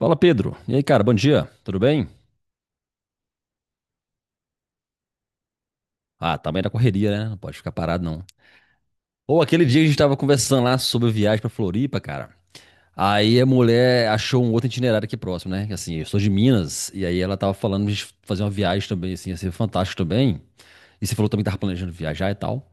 Fala, Pedro. E aí, cara, bom dia. Tudo bem? Ah, também da correria, né? Não pode ficar parado, não. Ou aquele dia que a gente tava conversando lá sobre viagem pra Floripa, cara. Aí a mulher achou um outro itinerário aqui próximo, né? Que, Assim, eu sou de Minas, e aí ela tava falando de fazer uma viagem também, assim, ia ser fantástico também. E você falou também que tava planejando viajar e tal.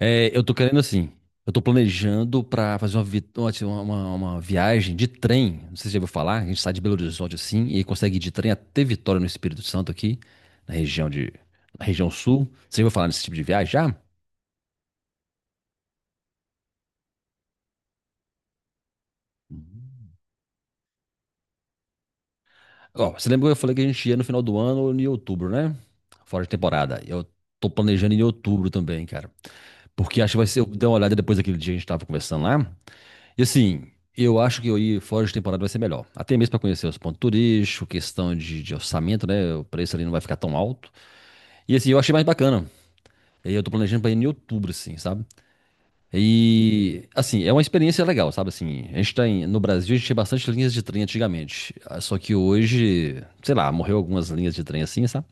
É, eu tô querendo assim. Eu tô planejando pra fazer uma, vi- uma, assim, uma viagem de trem. Não sei se você já ouviu falar. A gente sai de Belo Horizonte assim e consegue ir de trem até Vitória no Espírito Santo aqui, na região de, na região sul. Você já ouviu falar nesse tipo de viagem já? Ó, você lembra que eu falei que a gente ia no final do ano em outubro, né? Fora de temporada. Eu tô planejando em outubro também, cara. Porque acho que vai ser. Eu dei uma olhada depois daquele dia que a gente tava conversando lá. E assim, eu acho que eu ir fora de temporada vai ser melhor. Até mesmo para conhecer os pontos turísticos, questão de orçamento, né? O preço ali não vai ficar tão alto. E assim, eu achei mais bacana. E aí eu tô planejando pra ir em outubro, assim, sabe? E assim, é uma experiência legal, sabe? Assim, a gente no Brasil, a gente tinha bastante linhas de trem antigamente. Ah, só que hoje, sei lá, morreu algumas linhas de trem assim, sabe?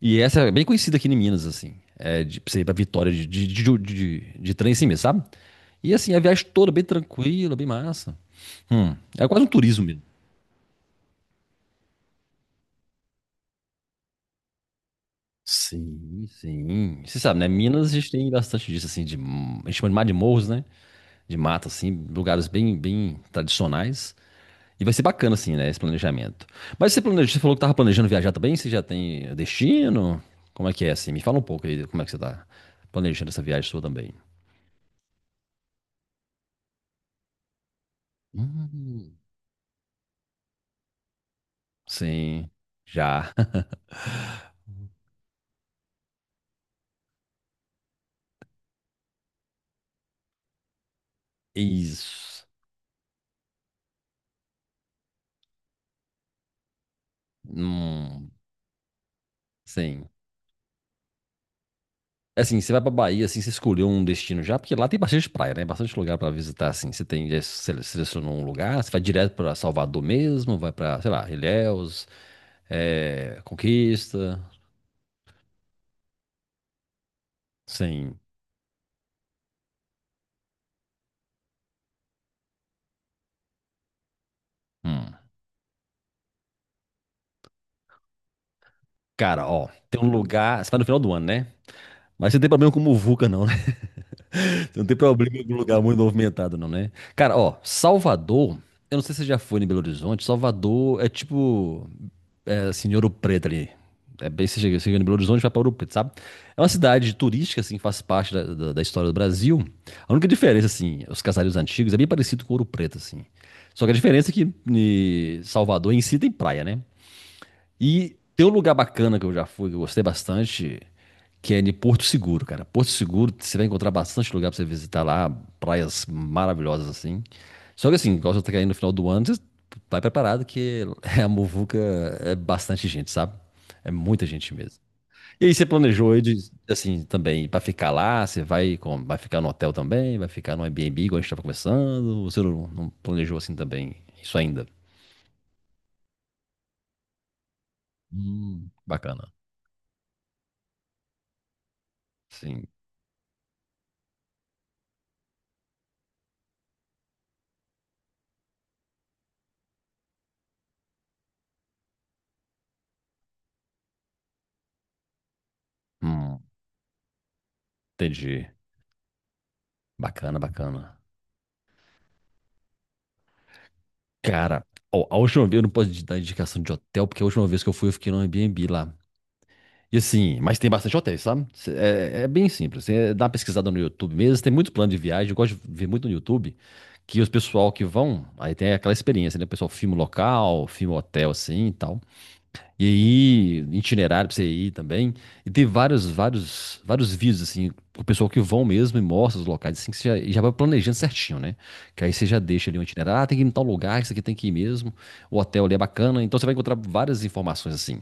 E essa é bem conhecida aqui em Minas, assim. É de pra você ir pra Vitória de trem assim mesmo, sabe? E assim, a viagem toda bem tranquila, bem massa. É quase um turismo mesmo. Sim, sim. Você sabe, né? Minas a gente tem bastante disso, assim, de, a gente chama de mar de morros, né? De mata, assim, lugares bem, bem tradicionais. E vai ser bacana, assim, né? Esse planejamento. Mas você planeja, você falou que tava planejando viajar também? Você já tem destino? Como é que é, assim? Me fala um pouco aí, como é que você tá planejando essa viagem sua também. Hum. Sim, já. Isso. Hum, sim. Assim, você vai pra Bahia, assim, você escolheu um destino já, porque lá tem bastante praia, né? Bastante lugar pra visitar, assim. Você tem, já selecionou um lugar, você vai direto pra Salvador mesmo, vai pra, sei lá, Ilhéus, é, Conquista, sim. Hum. Cara, ó, tem um lugar, você vai no final do ano, né? Mas você não tem problema com muvuca, não, né? Você não tem problema com lugar muito movimentado, não, né? Cara, ó, Salvador, eu não sei se você já foi em Belo Horizonte, Salvador é tipo... é, assim, em Ouro Preto ali. É bem, você chega em Belo Horizonte, vai para Ouro Preto, sabe? É uma cidade turística, assim, que faz parte da história do Brasil. A única diferença, assim, os casareiros antigos é bem parecido com Ouro Preto, assim. Só que a diferença é que em Salvador em si tem praia, né? E tem um lugar bacana que eu já fui, que eu gostei bastante, que é em Porto Seguro, cara. Porto Seguro, você vai encontrar bastante lugar pra você visitar lá, praias maravilhosas assim. Só que assim, igual você tá caindo no final do ano, você vai preparado que a muvuca é bastante gente, sabe? É muita gente mesmo. E aí você planejou aí de, assim, também, pra ficar lá, você vai, com, vai ficar no hotel também, vai ficar no Airbnb, igual a gente tava conversando, ou você não, não planejou assim também, isso ainda? Bacana. Sim. Hum. Entendi. Bacana, bacana. Cara, ó, a última vez eu não posso te dar indicação de hotel, porque a última vez que eu fui eu fiquei no Airbnb lá. E assim, mas tem bastante hotéis, sabe? É, é bem simples. Você dá uma pesquisada no YouTube mesmo. Tem muito plano de viagem. Eu gosto de ver muito no YouTube que os pessoal que vão, aí tem aquela experiência, né? O pessoal filma o local, filma o hotel assim e tal. E aí, itinerário pra você ir também. E tem vários, vários, vários vídeos, assim, o pessoal que vão mesmo e mostra os locais, assim, que você já, e já vai planejando certinho, né? Que aí você já deixa ali um itinerário. Ah, tem que ir em tal lugar, isso aqui tem que ir mesmo. O hotel ali é bacana. Então você vai encontrar várias informações, assim,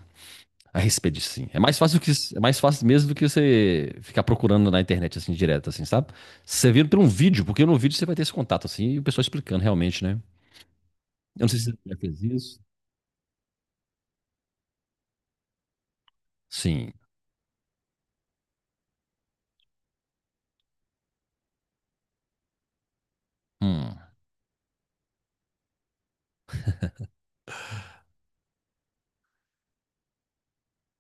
a respeito disso, sim. É mais fácil mesmo do que você ficar procurando na internet, assim, direto, assim, sabe? Você vira por um vídeo, porque no vídeo você vai ter esse contato, assim, e o pessoal explicando realmente, né? Eu não sei se você já fez isso. Sim. Hum.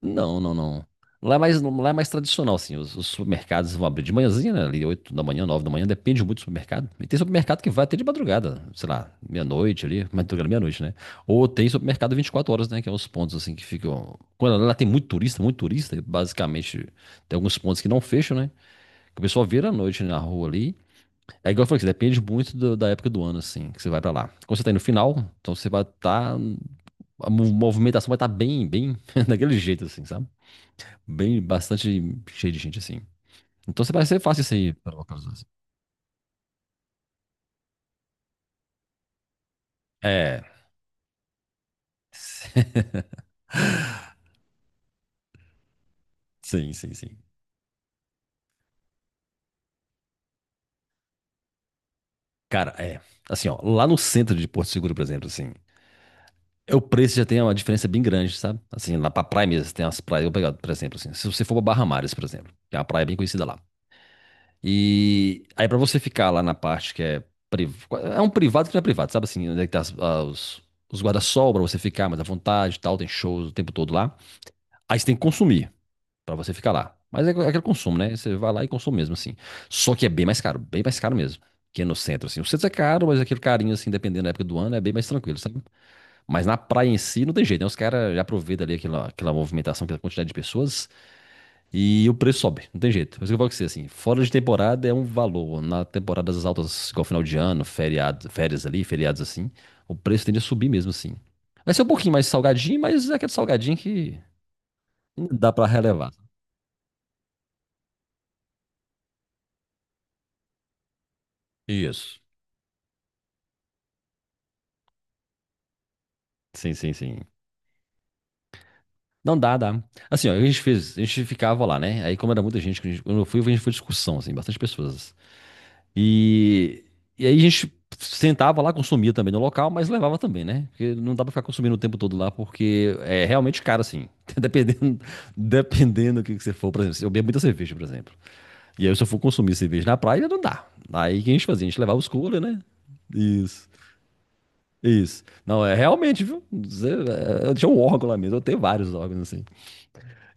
Não, não, não. Lá é mais tradicional, assim. Os supermercados vão abrir de manhãzinha, né? Ali, 8 da manhã, 9 da manhã, depende muito do supermercado. E tem supermercado que vai até de madrugada, sei lá, meia-noite ali, madrugada, meia-noite, né? Ou tem supermercado 24 horas, né? Que é os pontos, assim, que ficam. Quando lá tem muito turista, e basicamente tem alguns pontos que não fecham, né? Que o pessoal vira à noite na rua ali. É igual eu falei, que depende muito da época do ano, assim, que você vai pra lá. Quando você tá aí no final, então você vai estar. Tá, a movimentação vai estar bem, bem daquele jeito, assim, sabe? Bem, bastante cheio de gente assim. Então você vai ser fácil isso aí para localizar, assim. É. Sim, sim, sim. Cara, é. Assim, ó, lá no centro de Porto Seguro, por exemplo, assim, é, o preço já tem uma diferença bem grande, sabe? Assim, lá pra praia mesmo, tem umas praias, eu vou pegar, por exemplo, assim, se você for pra Barra Mares, por exemplo, que é uma praia bem conhecida lá. E aí pra você ficar lá na parte que é priv... é um privado que não é privado, sabe assim, onde é que tá os guarda-sol pra você ficar mais à vontade e tal, tem shows o tempo todo lá. Aí você tem que consumir. Pra você ficar lá. Mas é aquele consumo, né? Você vai lá e consome mesmo, assim. Só que é bem mais caro mesmo. Que é no centro, assim. O centro é caro, mas aquele carinho, assim, dependendo da época do ano, é bem mais tranquilo, sabe? Mas na praia em si não tem jeito, né? Os caras já aproveitam ali aquela, aquela movimentação, aquela quantidade de pessoas e o preço sobe, não tem jeito. Mas o que eu falo com você, assim, fora de temporada é um valor. Na temporada das altas, igual final de ano, feriado, férias ali, feriados assim, o preço tende a subir mesmo, assim. Vai ser um pouquinho mais salgadinho, mas é aquele salgadinho que dá pra relevar. Isso. Sim, sim, sim. Não dá, dá. Assim, ó, a gente fez, a gente ficava lá, né? Aí, como era muita gente, quando eu fui, a gente foi discussão, assim, bastante pessoas. E, e aí a gente sentava lá, consumia também no local, mas levava também, né? Porque não dá pra ficar consumindo o tempo todo lá, porque é realmente caro, assim. Dependendo, dependendo do que você for, por exemplo, se eu bebo muita cerveja, por exemplo. E aí, se eu for consumir cerveja na praia, não dá. Aí, o que a gente fazia? A gente levava os coolers, né? Isso. Isso. Não, é realmente, viu? Zé, é, eu tinha um órgão lá mesmo, eu tenho vários órgãos assim.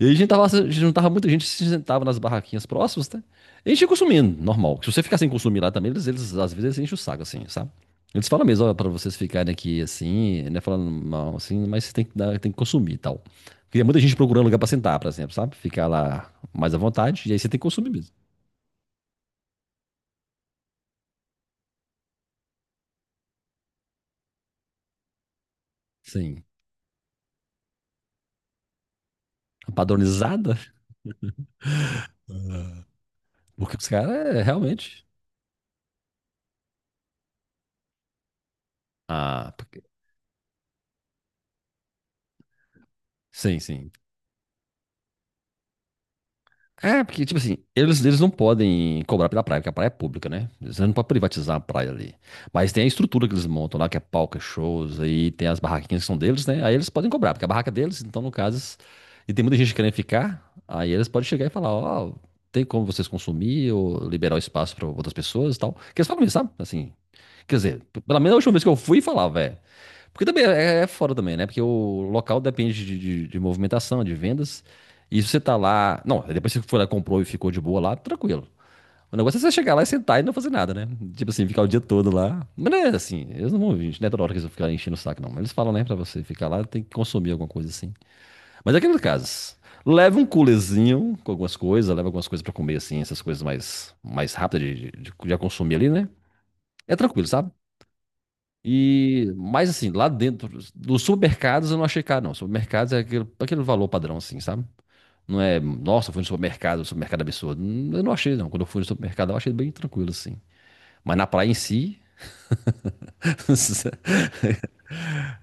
E aí a gente tava, a gente juntava muita gente, se sentava nas barraquinhas próximas, tá? E a gente ia consumindo, normal. Se você ficar sem consumir lá também, eles, às vezes eles enchem o saco, assim, sabe? Eles falam mesmo, ó, pra vocês ficarem aqui assim, né? Falando mal, assim, mas você tem que, tem que consumir e tal. Porque é muita gente procurando lugar pra sentar, por exemplo, sabe? Ficar lá mais à vontade, e aí você tem que consumir mesmo. Sim. Padronizada? Porque os caras é realmente. Ah, porque... sim, sim. É, porque, tipo assim, eles não podem cobrar pela praia, porque a praia é pública, né? Eles não podem privatizar a praia ali. Mas tem a estrutura que eles montam lá, que é palco, é shows, aí tem as barraquinhas que são deles, né? Aí eles podem cobrar, porque a barraca é deles, então, no caso, e tem muita gente querendo ficar, aí eles podem chegar e falar, ó, tem como vocês consumir ou liberar o espaço para outras pessoas e tal. Que eles falam isso, sabe? Assim, quer dizer, pelo menos a última vez que eu fui falar, velho. Porque também é, é fora também, né? Porque o local depende de movimentação, de vendas. E se você tá lá. Não, depois que você foi lá, comprou e ficou de boa lá, tranquilo. O negócio é você chegar lá e sentar e não fazer nada, né? Tipo assim, ficar o dia todo lá. Mas não é assim, eles não vão vir, não é toda hora que eles vão ficar enchendo o saco, não. Eles falam, né, pra você ficar lá, tem que consumir alguma coisa assim. Mas é aqueles casos. Leva um coolerzinho com algumas coisas, leva algumas coisas pra comer, assim, essas coisas mais, mais rápidas de consumir ali, né? É tranquilo, sabe? E, mas assim, lá dentro, dos supermercados eu não achei caro, não. Supermercados é aquele, aquele valor padrão, assim, sabe? Não é, nossa, eu fui no supermercado, um supermercado absurdo. Eu não achei, não. Quando eu fui no supermercado, eu achei bem tranquilo, assim. Mas na praia em si.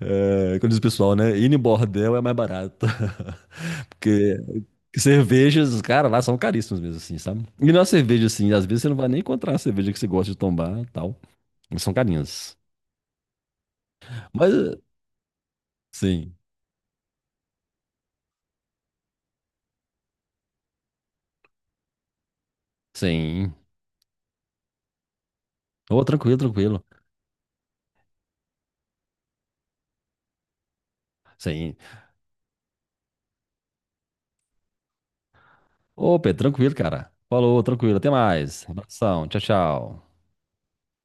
É, como diz o pessoal, né? Ir em bordel é mais barato. Porque cervejas, cara, lá são caríssimas mesmo, assim, sabe? E na cerveja, assim, às vezes você não vai nem encontrar a cerveja que você gosta de tomar e tal. Mas são carinhas. Mas, sim, sim. Ô, tranquilo, tranquilo. Sim. Ô, Pedro, tranquilo, cara. Falou, tranquilo. Até mais. Abração. Tchau, tchau.